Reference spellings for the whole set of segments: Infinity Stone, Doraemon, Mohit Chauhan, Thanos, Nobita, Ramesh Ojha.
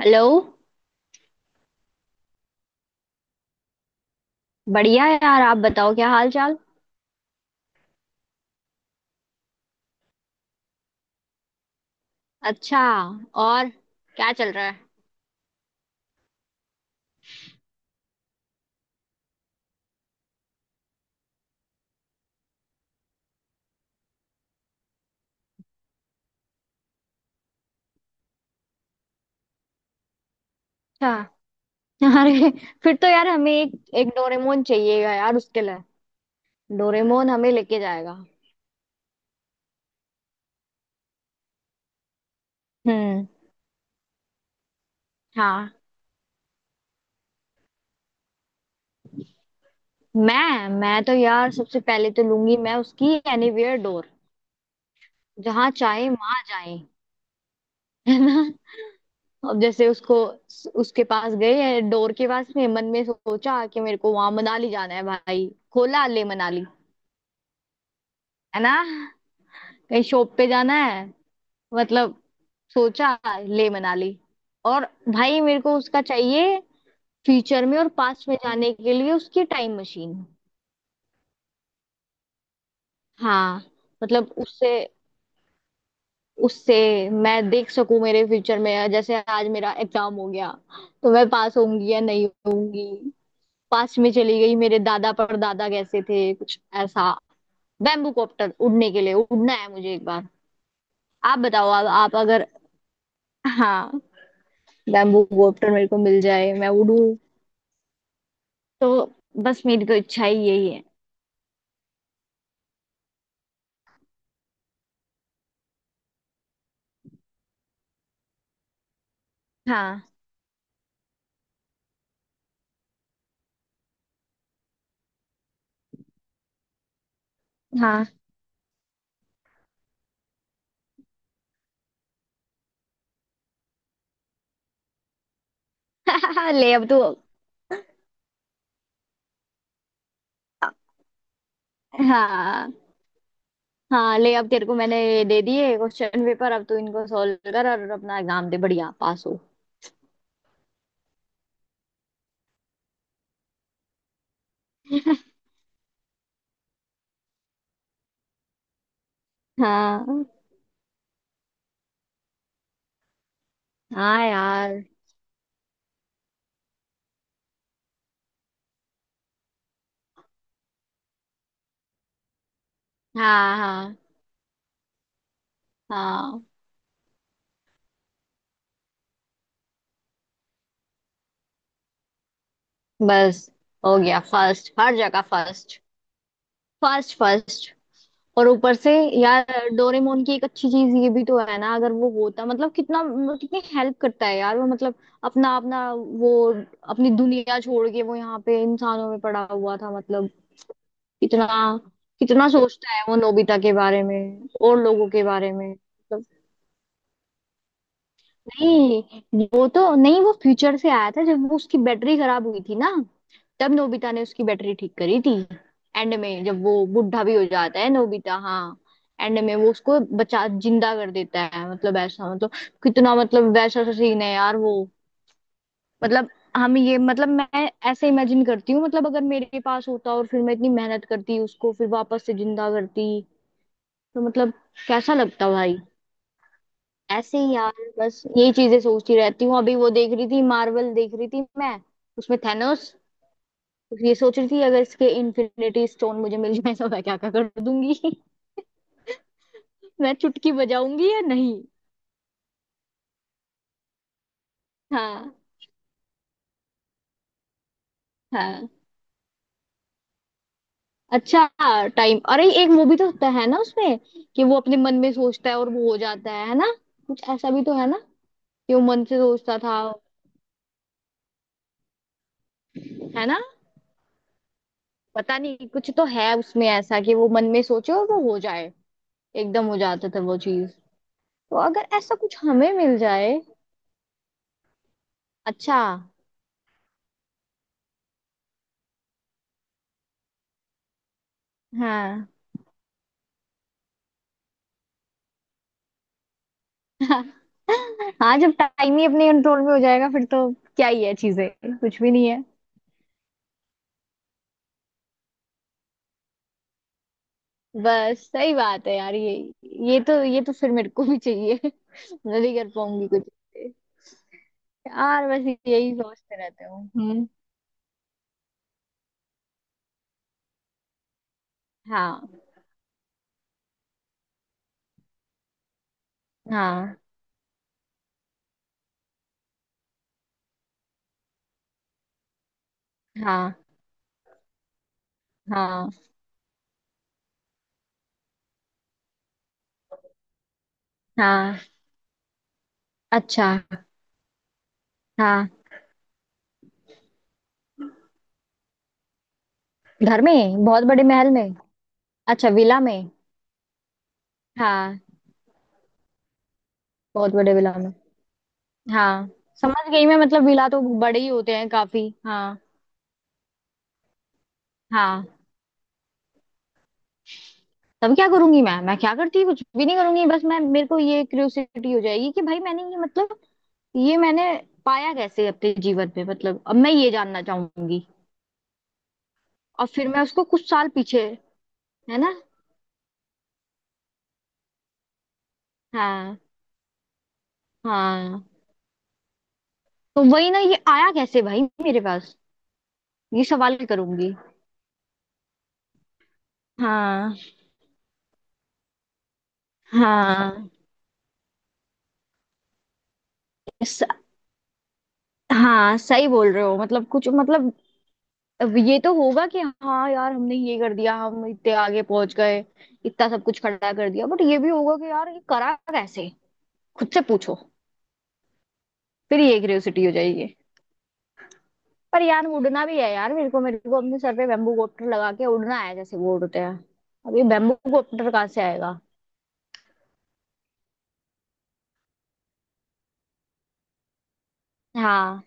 Hello. बढ़िया है यार। आप बताओ, क्या हाल चाल। अच्छा। और क्या चल रहा है? अच्छा। अरे, फिर तो यार हमें एक एक डोरेमोन चाहिएगा यार उसके लिए। डोरेमोन हमें लेके जाएगा। हम्म। हाँ। मैं तो यार सबसे पहले तो लूंगी मैं उसकी एनीवेयर डोर। जहाँ चाहे वहां जाए, है ना। अब जैसे उसको उसके पास गए डोर के पास में मन में सोचा कि मेरे को वहां मनाली जाना है भाई। खोला, ले मनाली। है ना। कहीं शॉप पे जाना है, मतलब सोचा, ले मनाली। और भाई मेरे को उसका चाहिए, फ्यूचर में और पास्ट में जाने के लिए उसकी टाइम मशीन। हाँ। मतलब उससे उससे मैं देख सकूं मेरे फ्यूचर में। जैसे आज मेरा एग्जाम हो गया, तो मैं पास होंगी या नहीं होंगी। पास्ट में चली गई, मेरे दादा परदादा कैसे थे, कुछ ऐसा। बैम्बू कॉप्टर उड़ने के लिए, उड़ना है मुझे एक बार। आप बताओ, आप अगर। हाँ। बैम्बू कॉप्टर मेरे को मिल जाए, मैं उड़ू तो। बस मेरी तो इच्छा ही यही है। हाँ हाँ। ले अब तू। हाँ। हाँ, ले अब तेरे को मैंने ये दे दिए क्वेश्चन पेपर, अब तू इनको सॉल्व कर और अपना एग्जाम दे, बढ़िया पास हो। हाँ। हाँ यार। हाँ हाँ हाँ, बस। हो गया फर्स्ट, हर जगह फर्स्ट। First first. और ऊपर से यार, डोरेमोन की एक अच्छी चीज ये भी तो है ना। अगर वो होता, मतलब कितना, मतलब कितनी हेल्प करता है यार वो। मतलब अपना अपना वो, अपनी दुनिया छोड़ के वो यहाँ पे इंसानों में पड़ा हुआ था। मतलब कितना, कितना सोचता है वो नोबिता के बारे में और लोगों के बारे में मतलब। नहीं वो तो नहीं, वो फ्यूचर से आया था जब वो उसकी बैटरी खराब हुई थी ना। तब नोबिता ने उसकी बैटरी ठीक करी थी। एंड में जब वो बुढ़ा भी हो जाता है नोबिता, हाँ। एंड में वो उसको बचा, जिंदा कर देता है, मतलब ऐसा, मतलब कितना, मतलब वैसा सा सीन है यार वो। मतलब हम ये, मतलब मैं ऐसे इमेजिन करती हूँ। मतलब अगर मेरे पास होता और फिर मैं इतनी मेहनत करती उसको, फिर वापस से जिंदा करती तो मतलब कैसा लगता भाई। ऐसे ही यार, बस यही चीजें सोचती रहती हूँ। अभी वो देख रही थी, मार्वल देख रही थी मैं, उसमें थैनोस। तो ये सोच रही थी अगर इसके इन्फिनिटी स्टोन मुझे मिल जाए तो मैं क्या क्या कर दूंगी। मैं चुटकी बजाऊंगी या नहीं। हाँ। हाँ। अच्छा। टाइम, अरे एक मूवी तो होता है ना उसमें, कि वो अपने मन में सोचता है और वो हो जाता है ना। कुछ ऐसा भी तो है ना, कि वो मन से सोचता था। है ना। पता नहीं कुछ तो है उसमें ऐसा कि वो मन में सोचे और वो हो जाए। एकदम हो जाता था वो चीज। तो अगर ऐसा कुछ हमें मिल जाए। अच्छा। हाँ। हाँ, जब टाइम ही अपने कंट्रोल में हो जाएगा फिर तो क्या ही है चीजें। कुछ भी नहीं है। बस सही बात है यार ये। ये तो, ये तो फिर मेरे को भी चाहिए। मैं भी कर पाऊंगी कुछ। यार बस यही सोचते रहते हूँ। हम्म। हाँ। हाँ। हाँ। हाँ। हाँ। अच्छा। हाँ। घर में। बहुत बड़े महल में। अच्छा, विला में। हाँ, बहुत बड़े विला में। हाँ, समझ गई मैं, मतलब विला तो बड़े ही होते हैं काफी, हाँ। हाँ। तब क्या करूंगी मैं, क्या करती, कुछ भी नहीं करूंगी, बस मैं, मेरे को ये क्यूरियोसिटी हो जाएगी कि भाई मैंने ये मतलब, ये मैंने पाया कैसे अपने जीवन में, मतलब अब मैं ये जानना चाहूंगी। और फिर मैं उसको कुछ साल पीछे। है ना। हाँ। हाँ, तो वही ना, ये आया कैसे भाई मेरे पास। ये सवाल करूंगी। हाँ। हाँ। स, हाँ, सही बोल रहे हो, मतलब कुछ मतलब। अब ये तो होगा कि हाँ यार हमने ये कर दिया, हम इतने आगे पहुंच गए, इतना सब कुछ खड़ा कर दिया, बट ये भी होगा कि यार ये करा कैसे। खुद से पूछो। फिर ये क्यूरियोसिटी हो जाएगी। पर यार उड़ना भी है यार, मेरे को, अपने सर पे बेम्बू कॉप्टर लगा के उड़ना है जैसे वो उड़ते हैं। अब ये बेम्बू कॉप्टर कहाँ से आएगा। हाँ।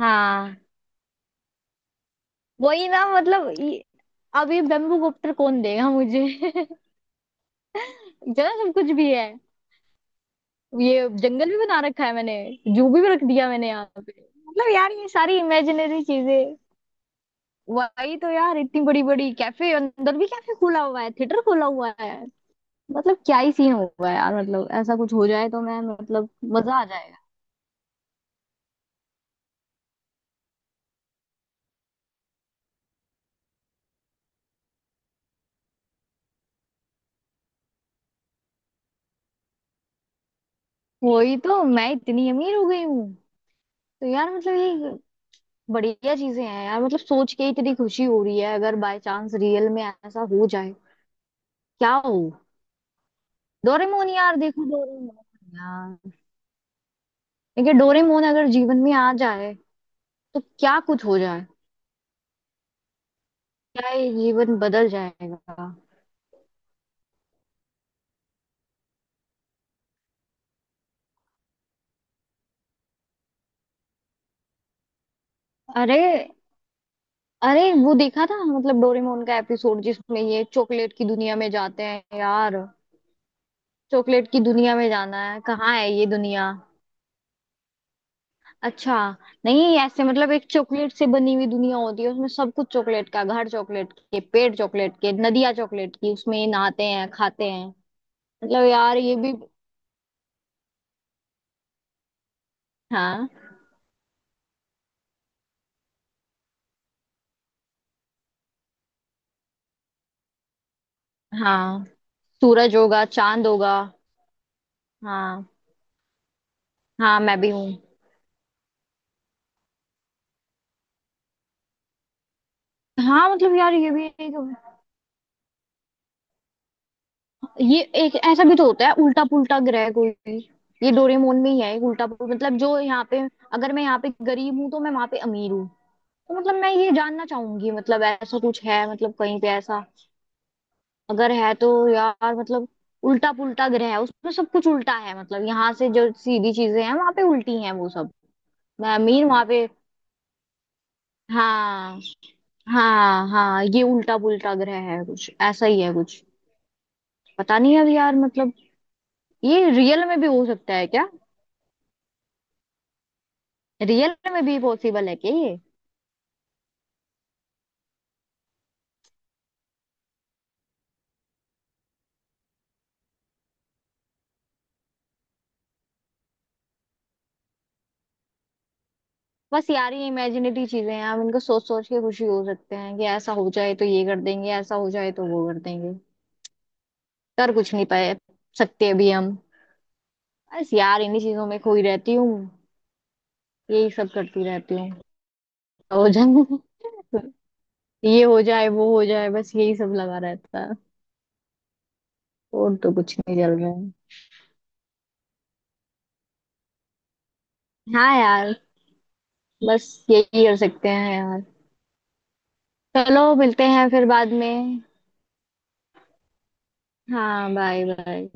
हाँ, वही ना मतलब अब ये बेम्बू कॉप्टर कौन देगा मुझे। जरा सब कुछ भी है। ये जंगल भी बना रखा है मैंने। जू भी रख दिया मैंने यहाँ पे। मतलब यार ये सारी इमेजिनरी चीजें। वही तो यार, इतनी बड़ी बड़ी कैफे, अंदर भी कैफे खुला हुआ है, थिएटर खुला हुआ है। मतलब क्या ही सीन होगा यार, मतलब ऐसा कुछ हो जाए तो मैं मतलब। मजा आ जाएगा। वही तो, मैं इतनी अमीर हो गई हूँ। तो यार मतलब ये, बढ़िया चीजें हैं यार, मतलब सोच के ही इतनी खुशी हो रही है। अगर बाय चांस रियल में ऐसा हो जाए, क्या हो। डोरेमोन यार, देखो डोरेमोन यार, देखिए डोरेमोन अगर जीवन में आ जाए तो क्या कुछ हो जाए, क्या ये जीवन बदल जाएगा। अरे, अरे वो देखा था मतलब डोरेमोन का एपिसोड जिसमें ये चॉकलेट की दुनिया में जाते हैं यार। चॉकलेट की दुनिया में जाना है, कहाँ है ये दुनिया। अच्छा। नहीं ऐसे, मतलब एक चॉकलेट से बनी हुई दुनिया होती है, उसमें सब कुछ चॉकलेट का, घर चॉकलेट के, पेड़ चॉकलेट के, नदियाँ चॉकलेट की, उसमें नहाते हैं खाते हैं। मतलब यार ये भी। हाँ। हाँ, सूरज होगा, चांद होगा। हाँ। हाँ, मैं भी हूँ। हाँ, मतलब यार ये भी एक, ये एक ऐसा भी तो होता है, उल्टा पुल्टा ग्रह कोई भी। ये डोरेमोन में ही है, एक उल्टा पुल्टा, मतलब जो यहाँ पे, अगर मैं यहाँ पे गरीब हूँ तो मैं वहां पे अमीर हूँ। तो मतलब मैं ये जानना चाहूंगी मतलब ऐसा कुछ है, मतलब कहीं पे ऐसा। अगर है तो यार मतलब, उल्टा पुल्टा ग्रह है, उसमें सब कुछ उल्टा है, मतलब यहाँ से जो सीधी चीजें हैं वहां पे उल्टी हैं वो सब। मैं अमीर वहां पे। हाँ। हाँ हाँ, ये उल्टा पुल्टा ग्रह है, कुछ ऐसा ही है कुछ। पता नहीं अब यार मतलब, ये रियल में भी हो सकता है क्या? रियल में भी पॉसिबल है क्या ये? बस यार ये इमेजिनेटरी चीजें हैं, हम इनको सोच सोच के खुशी हो सकते हैं कि ऐसा हो जाए तो ये कर देंगे, ऐसा हो जाए तो वो कर देंगे। कर कुछ नहीं पाए सकते अभी हम। बस यार इन्हीं चीजों में खोई रहती हूँ, यही सब करती रहती हूँ। हो जाए। ये हो जाए वो हो जाए, बस यही सब लगा रहता है। और तो कुछ नहीं चल रहा है। हाँ यार, बस यही कर सकते हैं यार। चलो मिलते हैं फिर बाद में। हाँ, बाय बाय।